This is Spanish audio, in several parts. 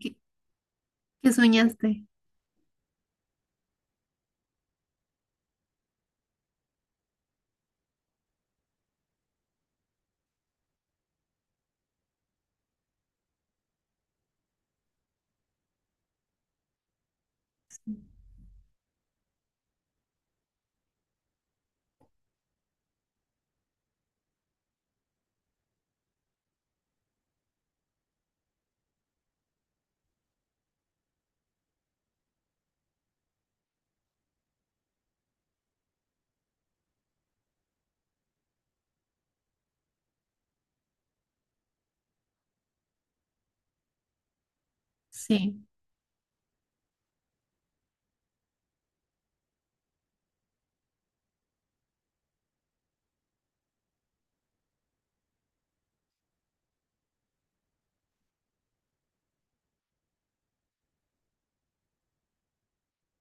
¿Qué, qué soñaste? Sí.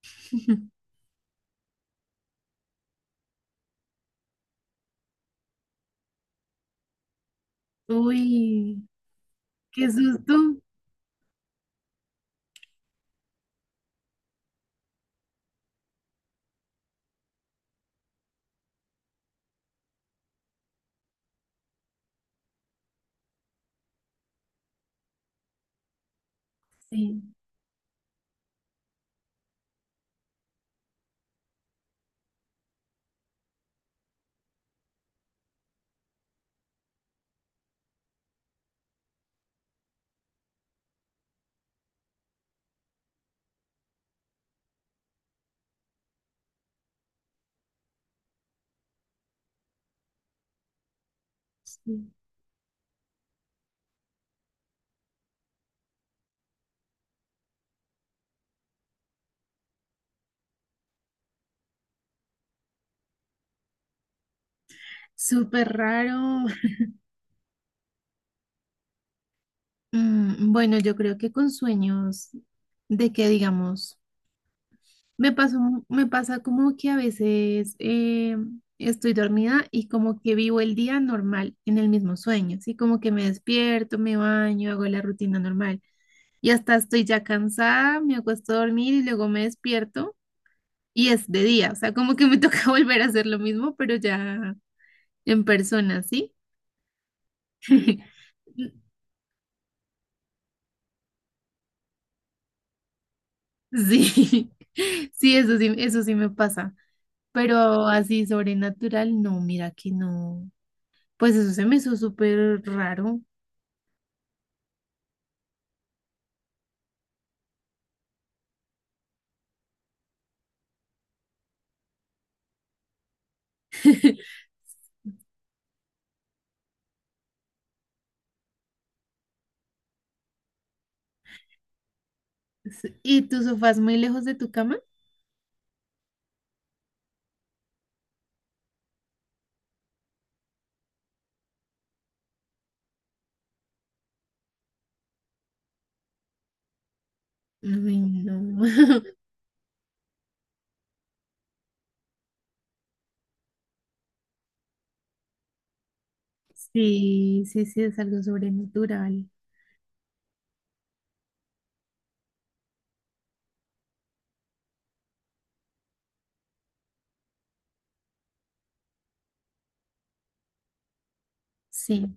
Uy, qué susto. Sí, sí. Súper raro. Mm, bueno, yo creo que con sueños de que digamos, me pasó, me pasa como que a veces estoy dormida y como que vivo el día normal en el mismo sueño, así como que me despierto, me baño, hago la rutina normal y hasta estoy ya cansada, me acuesto a dormir y luego me despierto. Y es de día, o sea, como que me toca volver a hacer lo mismo, pero ya en persona, ¿sí? Sí, sí, eso sí, eso sí me pasa. Pero así sobrenatural, no, mira que no. Pues eso se me hizo súper raro. Sí, ¿y tu sofá es muy lejos de tu cama? Ay, no. Sí, sí, sí, es algo sobrenatural. Sí.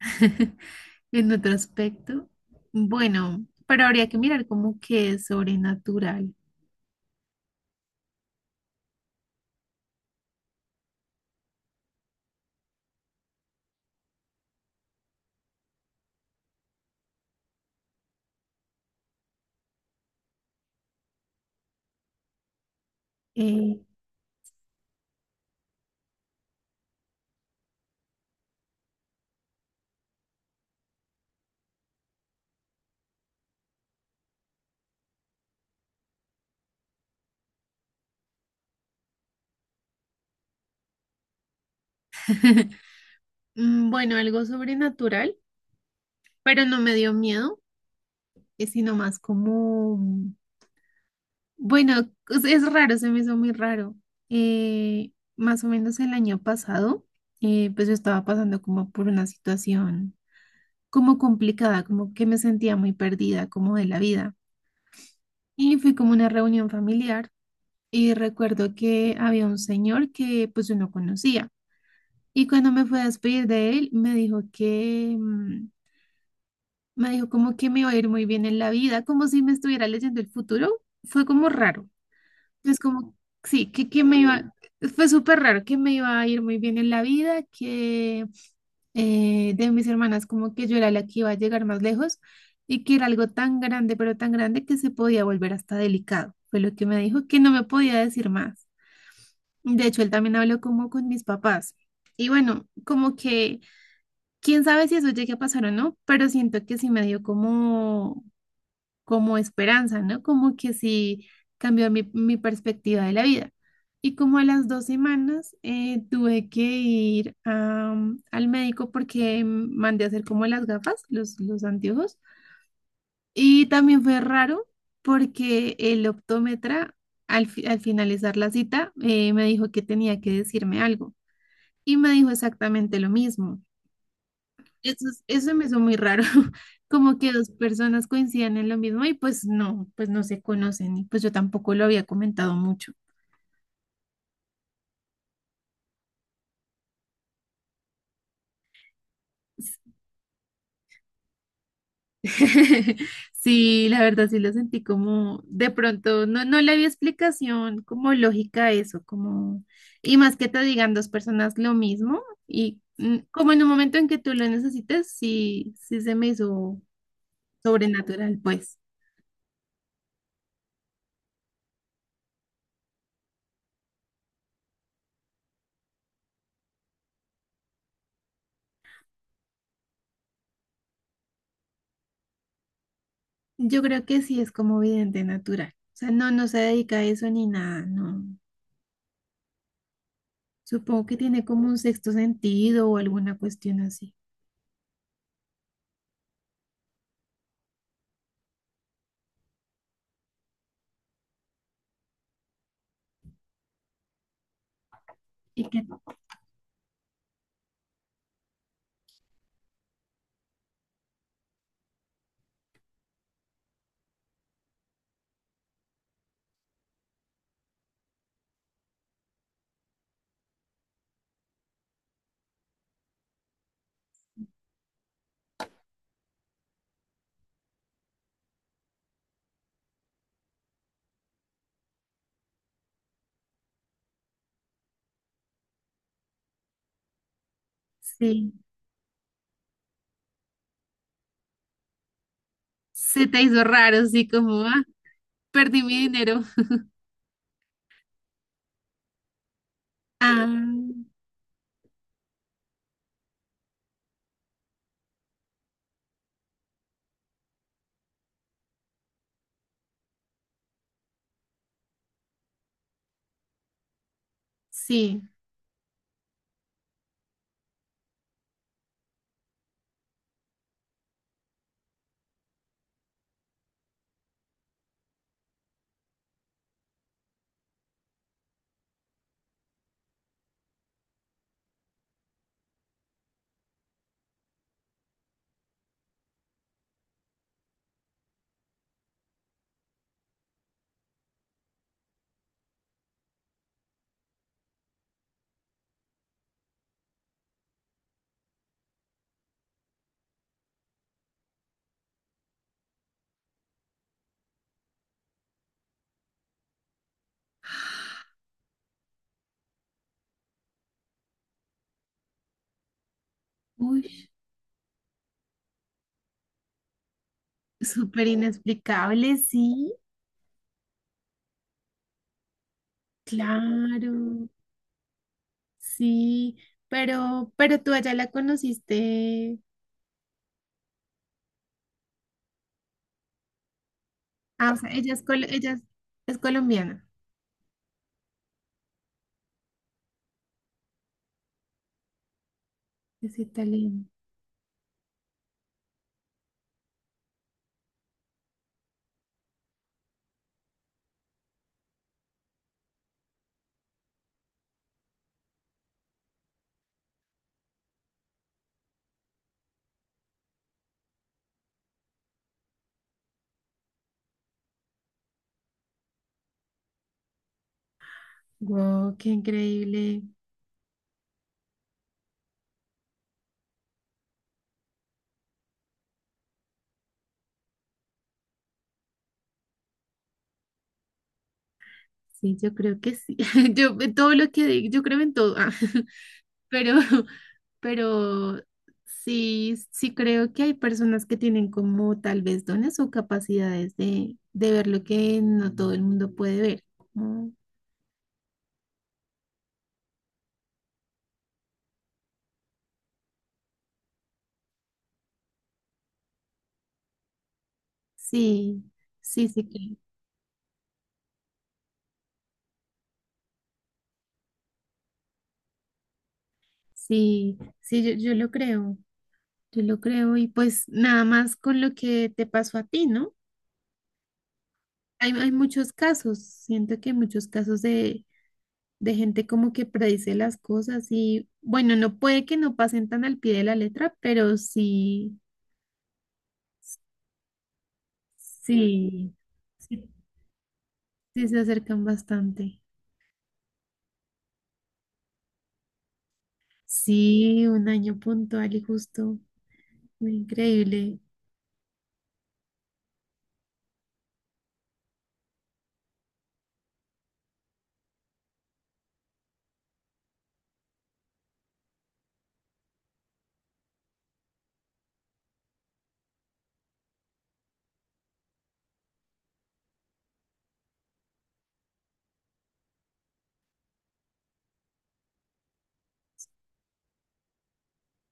En otro aspecto. Bueno, pero habría que mirar como que es sobrenatural. Eh, mm, bueno, algo sobrenatural, pero no me dio miedo, sino más como, bueno, es raro, se me hizo muy raro. Más o menos el año pasado, pues yo estaba pasando como por una situación como complicada, como que me sentía muy perdida, como de la vida. Y fui como a una reunión familiar y recuerdo que había un señor que pues yo no conocía. Y cuando me fui a despedir de él, me dijo que, mm, me dijo como que me iba a ir muy bien en la vida, como si me estuviera leyendo el futuro. Fue como raro. Es como, sí, que me iba, fue súper raro, que me iba a ir muy bien en la vida, que de mis hermanas como que yo era la que iba a llegar más lejos y que era algo tan grande, pero tan grande que se podía volver hasta delicado. Fue lo que me dijo, que no me podía decir más. De hecho, él también habló como con mis papás. Y bueno, como que... Quién sabe si eso llegue a pasar o no, pero siento que sí me dio como como esperanza, ¿no? Como que sí cambió mi perspectiva de la vida. Y como a las dos semanas tuve que ir a, mm, al médico porque mandé a hacer como las gafas, los anteojos. Y también fue raro porque el optómetra al finalizar la cita me dijo que tenía que decirme algo. Y me dijo exactamente lo mismo. Eso, eso me hizo muy raro, como que dos personas coincidan en lo mismo y pues no se conocen y pues yo tampoco lo había comentado mucho. Sí, la verdad sí lo sentí como de pronto, no, no le había explicación como lógica a eso, como, y más que te digan dos personas lo mismo y mm, como en un momento en que tú lo necesites, sí, sí se me hizo sobrenatural, pues. Yo creo que sí es como vidente natural. O sea, no, no se dedica a eso ni nada, no. Supongo que tiene como un sexto sentido o alguna cuestión así. Y que sí, se te hizo raro, así como, ah, perdí mi dinero. Ah, sí. Uy, súper inexplicable, sí, claro, sí. Pero tú allá la conociste. Ah, o sea, ella es colombiana. Es italiana. Wow, qué increíble. Sí, yo creo que sí. Yo en todo lo que digo, yo creo en todo. Ah, pero pero sí, sí creo que hay personas que tienen como tal vez dones o capacidades de ver lo que no todo el mundo puede ver. Como... Sí, sí, sí, que... sí, sí, yo lo creo y pues nada más con lo que te pasó a ti, ¿no? Hay muchos casos, siento que hay muchos casos de gente como que predice las cosas y bueno, no puede que no pasen tan al pie de la letra, pero sí. Sí, sí, sí se acercan bastante. Sí, un año puntual y justo. Increíble.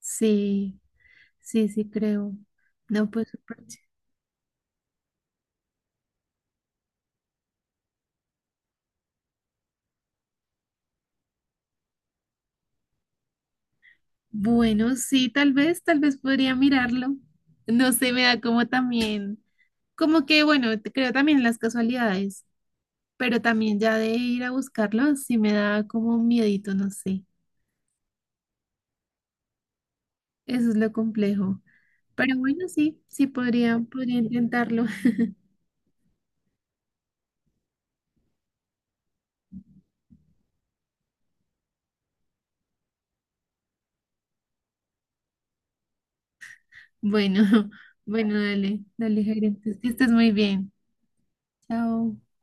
Sí, sí, sí creo. No, pues súper ch... Bueno, sí, tal vez podría mirarlo. No sé, me da como también, como que bueno, te... creo también en las casualidades, pero también ya de ir a buscarlo, sí me da como un miedito, no sé. Eso es lo complejo. Pero bueno, sí, sí podría, podría intentarlo. Bueno, bueno, dale, dale, Jairo. Entonces, que estés muy bien. Chao.